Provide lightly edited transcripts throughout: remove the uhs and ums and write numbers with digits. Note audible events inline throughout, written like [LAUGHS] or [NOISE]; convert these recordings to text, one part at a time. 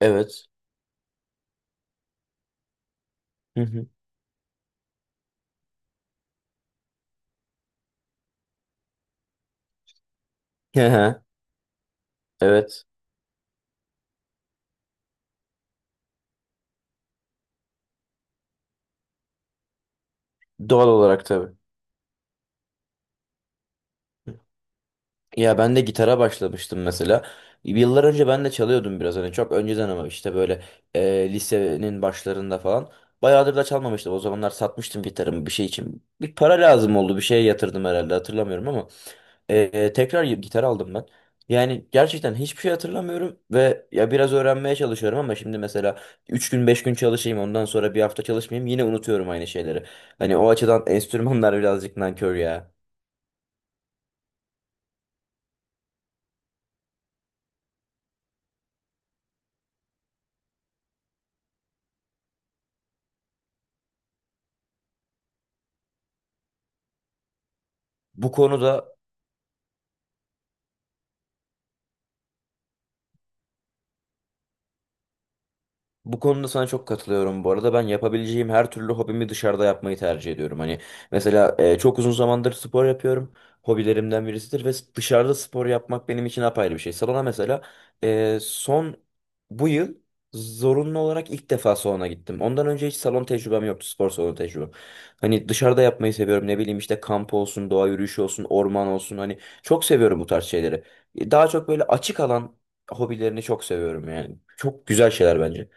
Evet. Hı hı. Hı hı. Evet. Doğal olarak tabii. Ya ben de gitara başlamıştım mesela. Yıllar önce ben de çalıyordum biraz hani çok önceden ama işte böyle lisenin başlarında falan. Bayağıdır da çalmamıştım. O zamanlar satmıştım gitarımı bir şey için. Bir para lazım oldu. Bir şeye yatırdım herhalde hatırlamıyorum ama. Tekrar gitar aldım ben. Yani gerçekten hiçbir şey hatırlamıyorum ve ya biraz öğrenmeye çalışıyorum ama şimdi mesela 3 gün 5 gün çalışayım ondan sonra bir hafta çalışmayayım yine unutuyorum aynı şeyleri. Hani o açıdan enstrümanlar [LAUGHS] birazcık nankör ya. Bu konuda Bu konuda sana çok katılıyorum. Bu arada ben yapabileceğim her türlü hobimi dışarıda yapmayı tercih ediyorum. Hani mesela çok uzun zamandır spor yapıyorum. Hobilerimden birisidir ve dışarıda spor yapmak benim için apayrı bir şey. Salona mesela son bu yıl zorunlu olarak ilk defa salona gittim. Ondan önce hiç salon tecrübem yoktu, spor salonu tecrübem. Hani dışarıda yapmayı seviyorum. Ne bileyim işte kamp olsun, doğa yürüyüşü olsun, orman olsun. Hani çok seviyorum bu tarz şeyleri. Daha çok böyle açık alan hobilerini çok seviyorum yani. Çok güzel şeyler bence.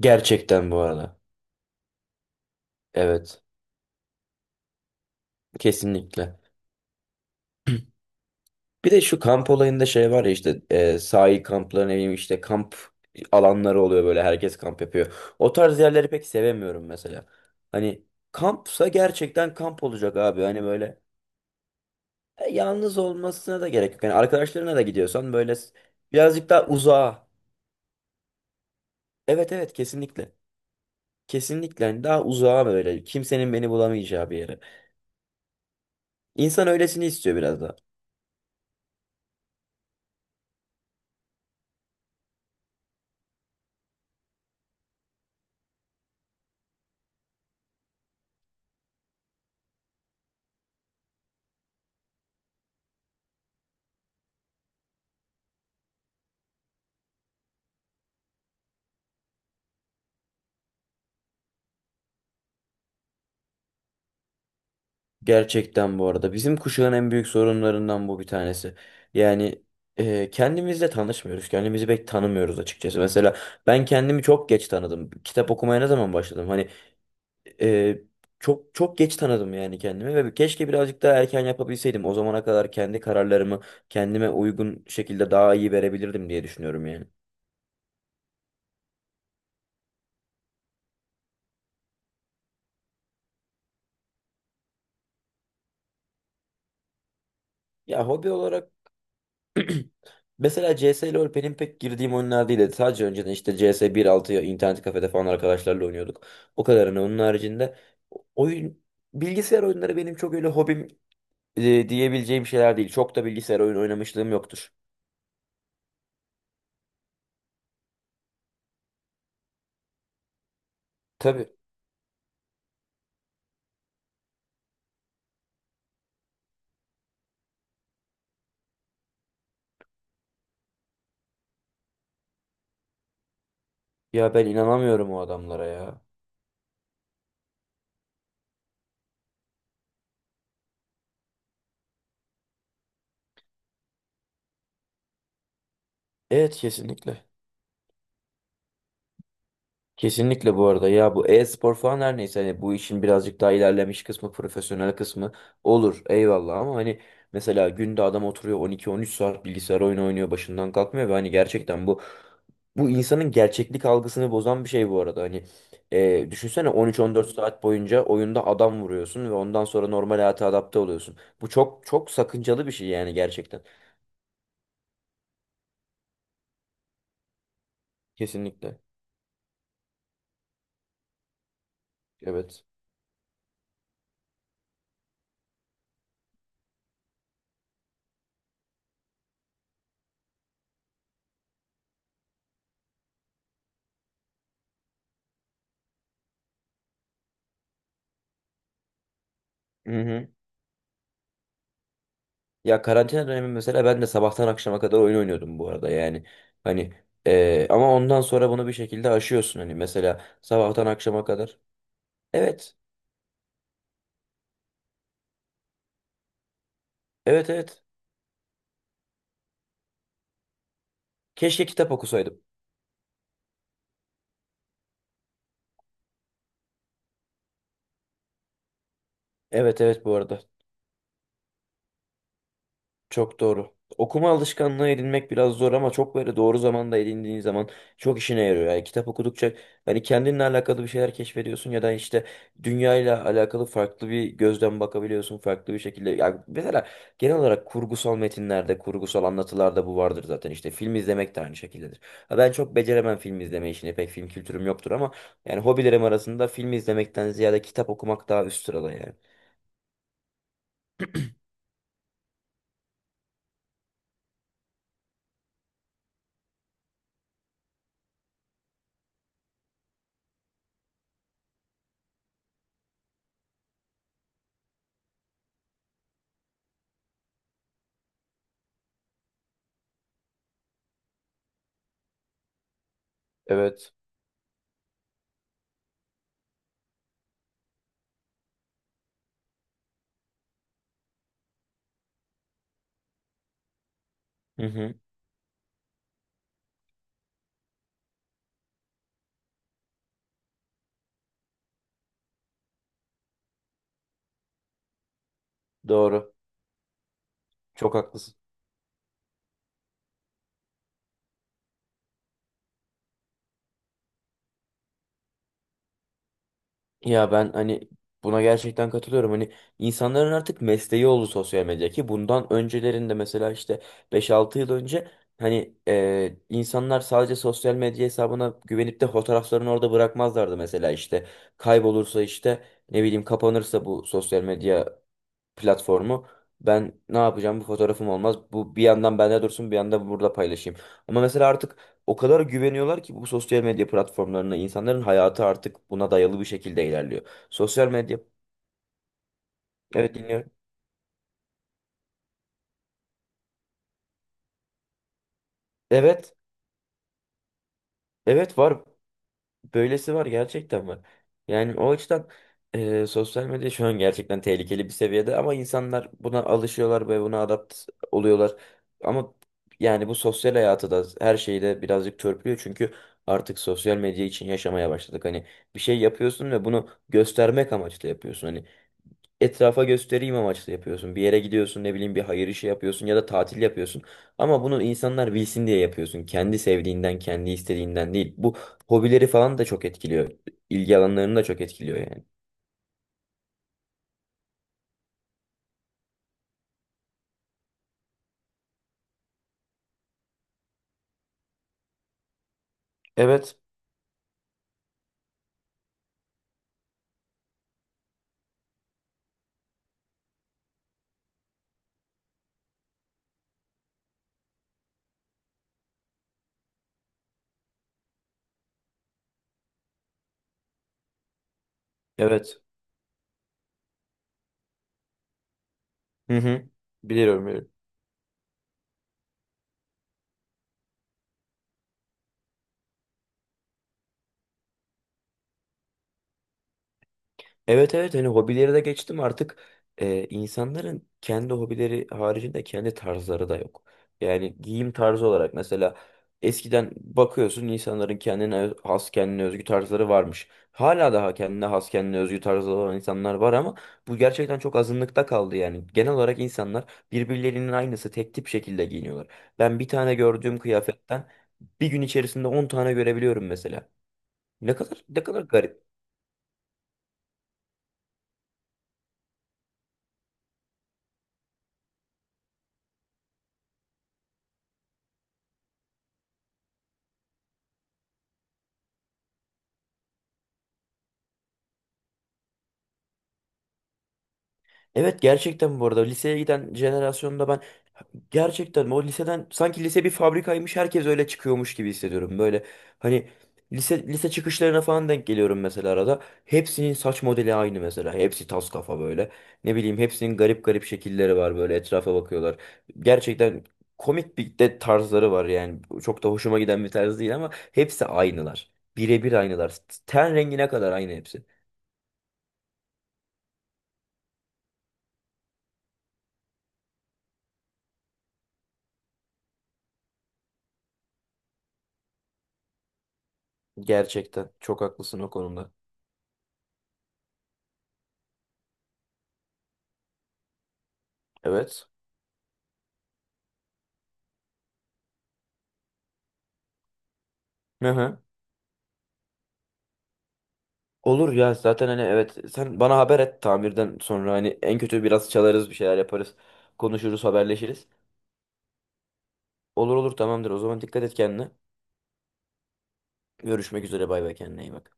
Gerçekten bu arada. Evet. Kesinlikle. Bir de şu kamp olayında şey var ya işte sahil kampları ne bileyim işte kamp alanları oluyor böyle herkes kamp yapıyor. O tarz yerleri pek sevemiyorum mesela. Hani kampsa gerçekten kamp olacak abi. Hani böyle yalnız olmasına da gerek yok. Yani arkadaşlarına da gidiyorsan böyle birazcık daha uzağa. Evet evet kesinlikle. Kesinlikle hani daha uzağa böyle kimsenin beni bulamayacağı bir yere. İnsan öylesini istiyor biraz da. Gerçekten bu arada bizim kuşağın en büyük sorunlarından bu bir tanesi. Yani kendimizle tanışmıyoruz. Kendimizi pek tanımıyoruz açıkçası. Mesela ben kendimi çok geç tanıdım. Kitap okumaya ne zaman başladım? Hani e, çok çok geç tanıdım yani kendimi ve keşke birazcık daha erken yapabilseydim. O zamana kadar kendi kararlarımı kendime uygun şekilde daha iyi verebilirdim diye düşünüyorum yani. Ya hobi olarak Mesela CS LoL benim pek girdiğim oyunlar değildi. Sadece önceden işte CS 1.6'ya internet kafede falan arkadaşlarla oynuyorduk. O kadarını. Onun haricinde oyun bilgisayar oyunları benim çok öyle hobim diyebileceğim şeyler değil. Çok da bilgisayar oyun oynamışlığım yoktur. Tabii. Ya ben inanamıyorum o adamlara ya. Evet kesinlikle. Kesinlikle bu arada ya bu e-spor falan her neyse hani bu işin birazcık daha ilerlemiş kısmı profesyonel kısmı olur eyvallah ama hani mesela günde adam oturuyor 12-13 saat bilgisayar oyunu oynuyor başından kalkmıyor ve hani gerçekten bu insanın gerçeklik algısını bozan bir şey bu arada hani düşünsene 13-14 saat boyunca oyunda adam vuruyorsun ve ondan sonra normal hayata adapte oluyorsun bu çok çok sakıncalı bir şey yani gerçekten kesinlikle evet. Mhm. Ya karantina dönemi mesela ben de sabahtan akşama kadar oyun oynuyordum bu arada yani. Hani ama ondan sonra bunu bir şekilde aşıyorsun hani mesela sabahtan akşama kadar. Evet. Evet evet. Keşke kitap okusaydım. Evet evet bu arada. Çok doğru. Okuma alışkanlığı edinmek biraz zor ama çok böyle doğru zamanda edindiğin zaman çok işine yarıyor. Yani kitap okudukça hani kendinle alakalı bir şeyler keşfediyorsun ya da işte dünyayla alakalı farklı bir gözden bakabiliyorsun farklı bir şekilde. Yani mesela genel olarak kurgusal metinlerde, kurgusal anlatılarda bu vardır zaten. İşte film izlemek de aynı şekildedir. Ha, ben çok beceremem film izleme işini. Pek film kültürüm yoktur ama yani hobilerim arasında film izlemekten ziyade kitap okumak daha üst sırada yani. Evet. Hı hı, doğru. Çok haklısın. Ya ben hani buna gerçekten katılıyorum. Hani insanların artık mesleği oldu sosyal medya ki bundan öncelerinde mesela işte 5-6 yıl önce hani insanlar sadece sosyal medya hesabına güvenip de fotoğraflarını orada bırakmazlardı mesela işte kaybolursa işte ne bileyim kapanırsa bu sosyal medya platformu. Ben ne yapacağım? Bu fotoğrafım olmaz. Bu bir yandan bende dursun, bir yandan burada paylaşayım. Ama mesela artık o kadar güveniyorlar ki bu sosyal medya platformlarına insanların hayatı artık buna dayalı bir şekilde ilerliyor. Sosyal medya. Evet dinliyorum. Evet. Evet var. Böylesi var gerçekten var. Yani o açıdan sosyal medya şu an gerçekten tehlikeli bir seviyede ama insanlar buna alışıyorlar ve buna adapt oluyorlar. Ama yani bu sosyal hayatı da her şeyi de birazcık törpülüyor çünkü artık sosyal medya için yaşamaya başladık. Hani bir şey yapıyorsun ve bunu göstermek amaçlı yapıyorsun. Hani etrafa göstereyim amaçlı yapıyorsun. Bir yere gidiyorsun, ne bileyim bir hayır işi yapıyorsun ya da tatil yapıyorsun. Ama bunu insanlar bilsin diye yapıyorsun. Kendi sevdiğinden, kendi istediğinden değil. Bu hobileri falan da çok etkiliyor. İlgi alanlarını da çok etkiliyor yani. Evet, evet. Hı hı. Biliyorum, biliyorum. Evet evet hani hobileri de geçtim artık insanların kendi hobileri haricinde kendi tarzları da yok. Yani giyim tarzı olarak mesela eskiden bakıyorsun insanların kendine has kendine özgü tarzları varmış. Hala daha kendine has kendine özgü tarzları olan insanlar var ama bu gerçekten çok azınlıkta kaldı yani. Genel olarak insanlar birbirlerinin aynısı tek tip şekilde giyiniyorlar. Ben bir tane gördüğüm kıyafetten bir gün içerisinde 10 tane görebiliyorum mesela. Ne kadar ne kadar garip. Evet gerçekten bu arada liseye giden jenerasyonda ben gerçekten o liseden sanki lise bir fabrikaymış herkes öyle çıkıyormuş gibi hissediyorum. Böyle hani lise lise çıkışlarına falan denk geliyorum mesela arada. Hepsinin saç modeli aynı mesela. Hepsi tas kafa böyle. Ne bileyim hepsinin garip garip şekilleri var böyle etrafa bakıyorlar. Gerçekten komik bir de tarzları var yani. Çok da hoşuma giden bir tarz değil ama hepsi aynılar. Birebir aynılar. Ten rengine kadar aynı hepsi. Gerçekten çok haklısın o konuda. Evet. Hı hı. Olur ya zaten hani evet sen bana haber et tamirden sonra hani en kötü biraz çalarız bir şeyler yaparız. Konuşuruz haberleşiriz. Olur olur tamamdır o zaman dikkat et kendine. Görüşmek üzere bay bay kendine iyi bak.